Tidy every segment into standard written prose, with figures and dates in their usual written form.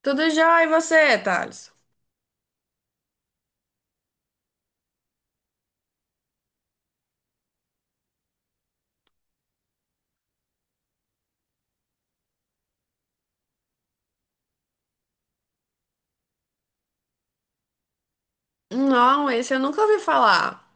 Tudo já, e você, Thales? Não, esse eu nunca ouvi falar.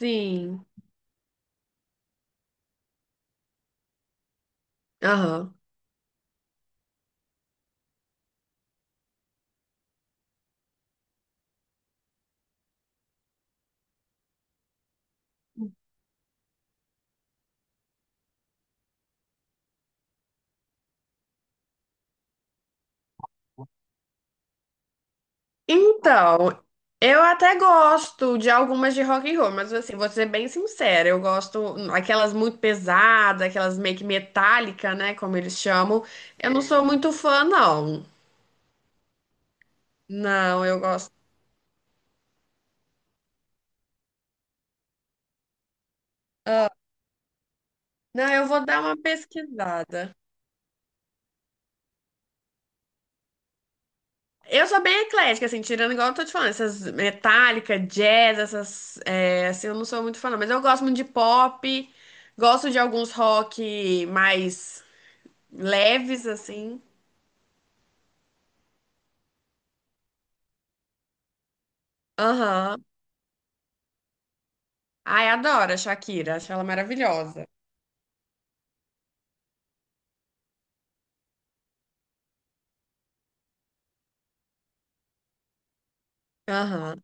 Sim. Aham. Então, eu até gosto de algumas de rock and roll, mas assim, vou ser bem sincera, eu gosto aquelas muito pesadas, aquelas meio que metálica, né, como eles chamam. Eu não sou muito fã, não. Não, eu gosto. Ah, não, eu vou dar uma pesquisada. Eu sou bem eclética, assim, tirando igual eu tô te falando, essas metálica, jazz, essas, é, assim, eu não sou muito fã, não, mas eu gosto muito de pop, gosto de alguns rock mais leves, assim. Aham. Ai, adoro a Shakira, acho ela maravilhosa. Aham.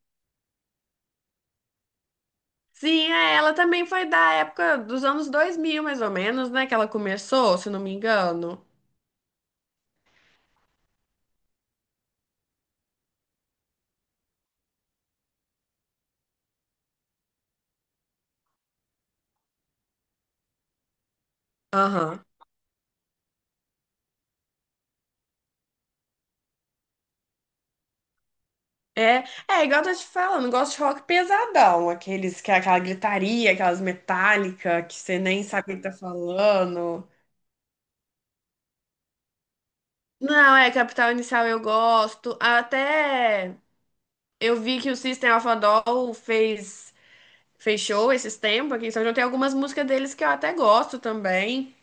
Sim, é, ela também foi da época dos anos 2000 mais ou menos, né, que ela começou, se não me engano. Aham. É, é igual eu tô te falando, eu gosto de rock pesadão, aqueles que é aquela gritaria, aquelas metálicas que você nem sabe o que tá falando. Não, é, Capital Inicial eu gosto. Até eu vi que o System of a Down fez show esses tempos aqui em São João. Tem algumas músicas deles que eu até gosto também.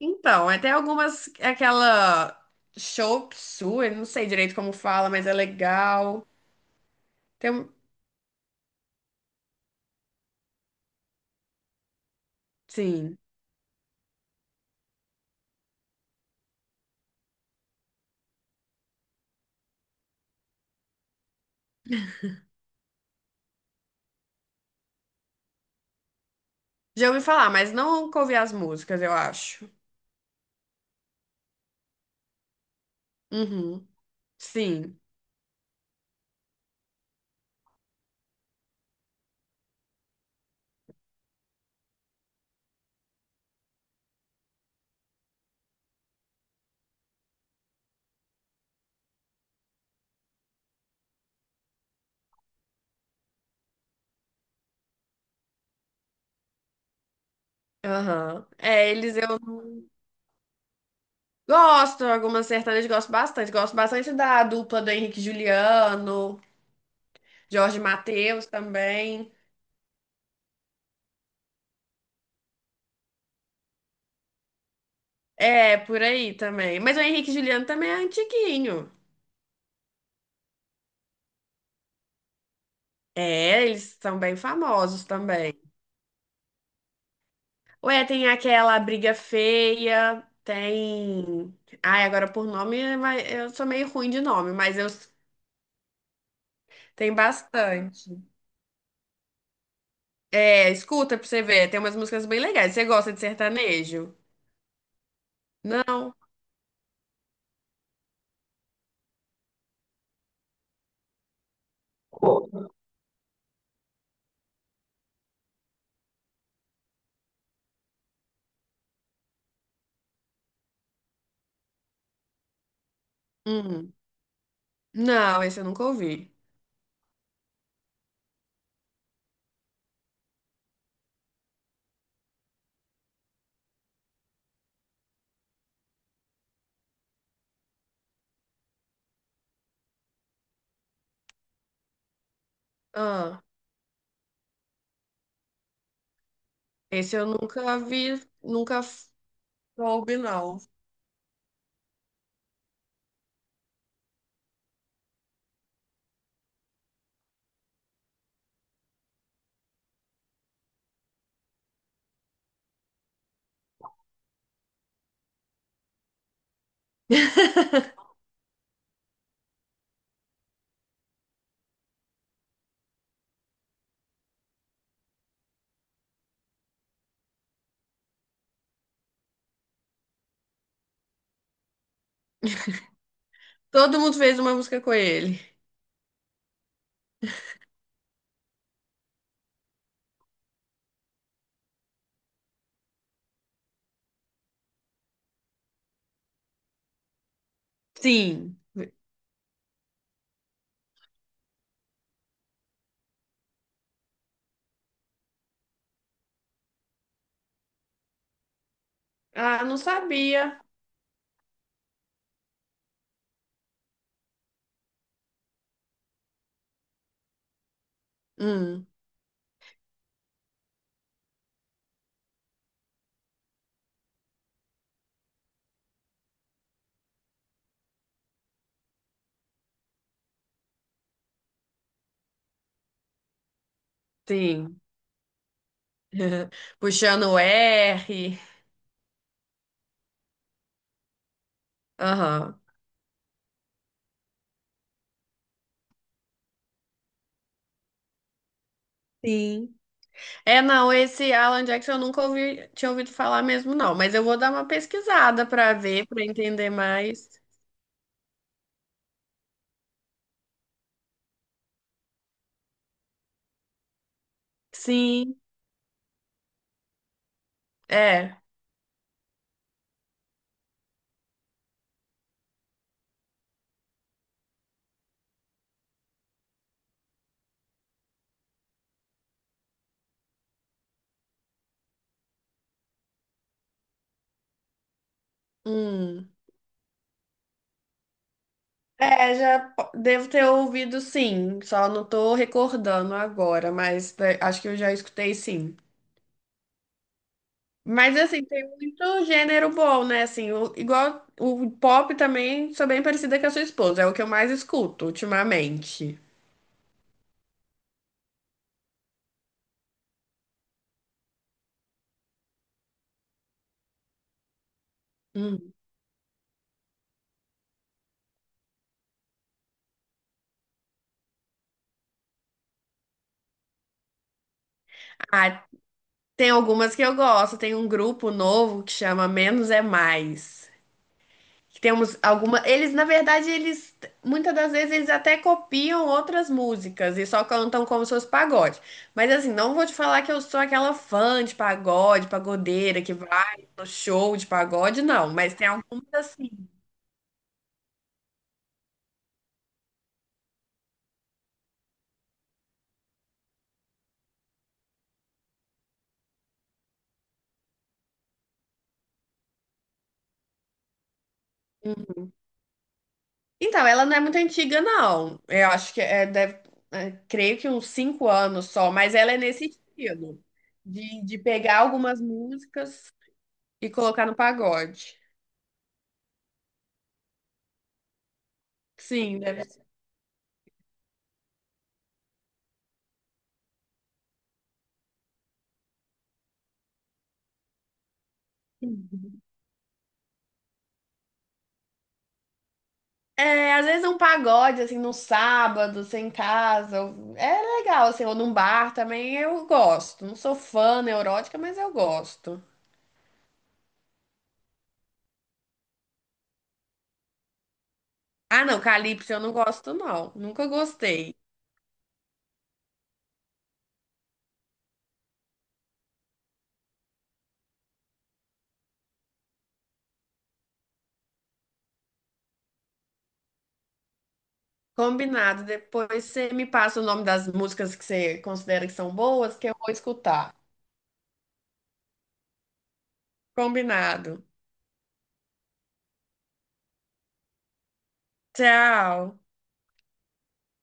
Então, até algumas, aquela Chop Suey, não sei direito como fala, mas é legal. Tem, um- sim, já ouvi falar, mas não nunca ouvi as músicas, eu acho. Uhum. Sim. Aham. É, eles eu não gosto, algumas sertanejas gosto bastante. Gosto bastante da dupla do Henrique e Juliano, Jorge Mateus também. É, por aí também. Mas o Henrique e Juliano também é antiguinho. É, eles são bem famosos também. Ué, tem aquela Briga Feia, tem. Ai, agora por nome, mas eu sou meio ruim de nome, mas eu tem bastante. É, escuta pra você ver, tem umas músicas bem legais. Você gosta de sertanejo? Não? Hum. Não, esse eu nunca ouvi. Ah, esse eu nunca vi, nunca f- soube, não. Todo mundo fez uma música com ele. Sim. Ah, não sabia. Hum, sim. Puxando o R. Aham. Sim. É, não, esse Alan Jackson eu nunca ouvi, tinha ouvido falar mesmo, não. Mas eu vou dar uma pesquisada pra ver, pra entender mais. Sim, é. Hum. É, já po- devo ter ouvido sim, só não tô recordando agora, mas né, acho que eu já escutei sim. Mas assim, tem muito gênero bom, né? Assim, o- igual o pop também, sou bem parecida com a sua esposa, é o que eu mais escuto ultimamente. Hum. Ah, tem algumas que eu gosto, tem um grupo novo que chama Menos é Mais. Que temos alguma. Eles, na verdade, eles. Muitas das vezes eles até copiam outras músicas e só cantam como se fosse pagode. Mas assim, não vou te falar que eu sou aquela fã de pagode, pagodeira, que vai no show de pagode, não. Mas tem algumas assim. Então, ela não é muito antiga, não. Eu acho que é, deve, é, creio que uns 5 anos só, mas ela é nesse estilo, de pegar algumas músicas e colocar no pagode. Sim, deve. É, às vezes um pagode, assim, no sábado, sem casa, ou- é legal, assim, ou num bar também eu gosto. Não sou fã neurótica, mas eu gosto. Ah, não, Calypso eu não gosto, não. Nunca gostei. Combinado. Depois você me passa o nome das músicas que você considera que são boas, que eu vou escutar. Combinado. Tchau.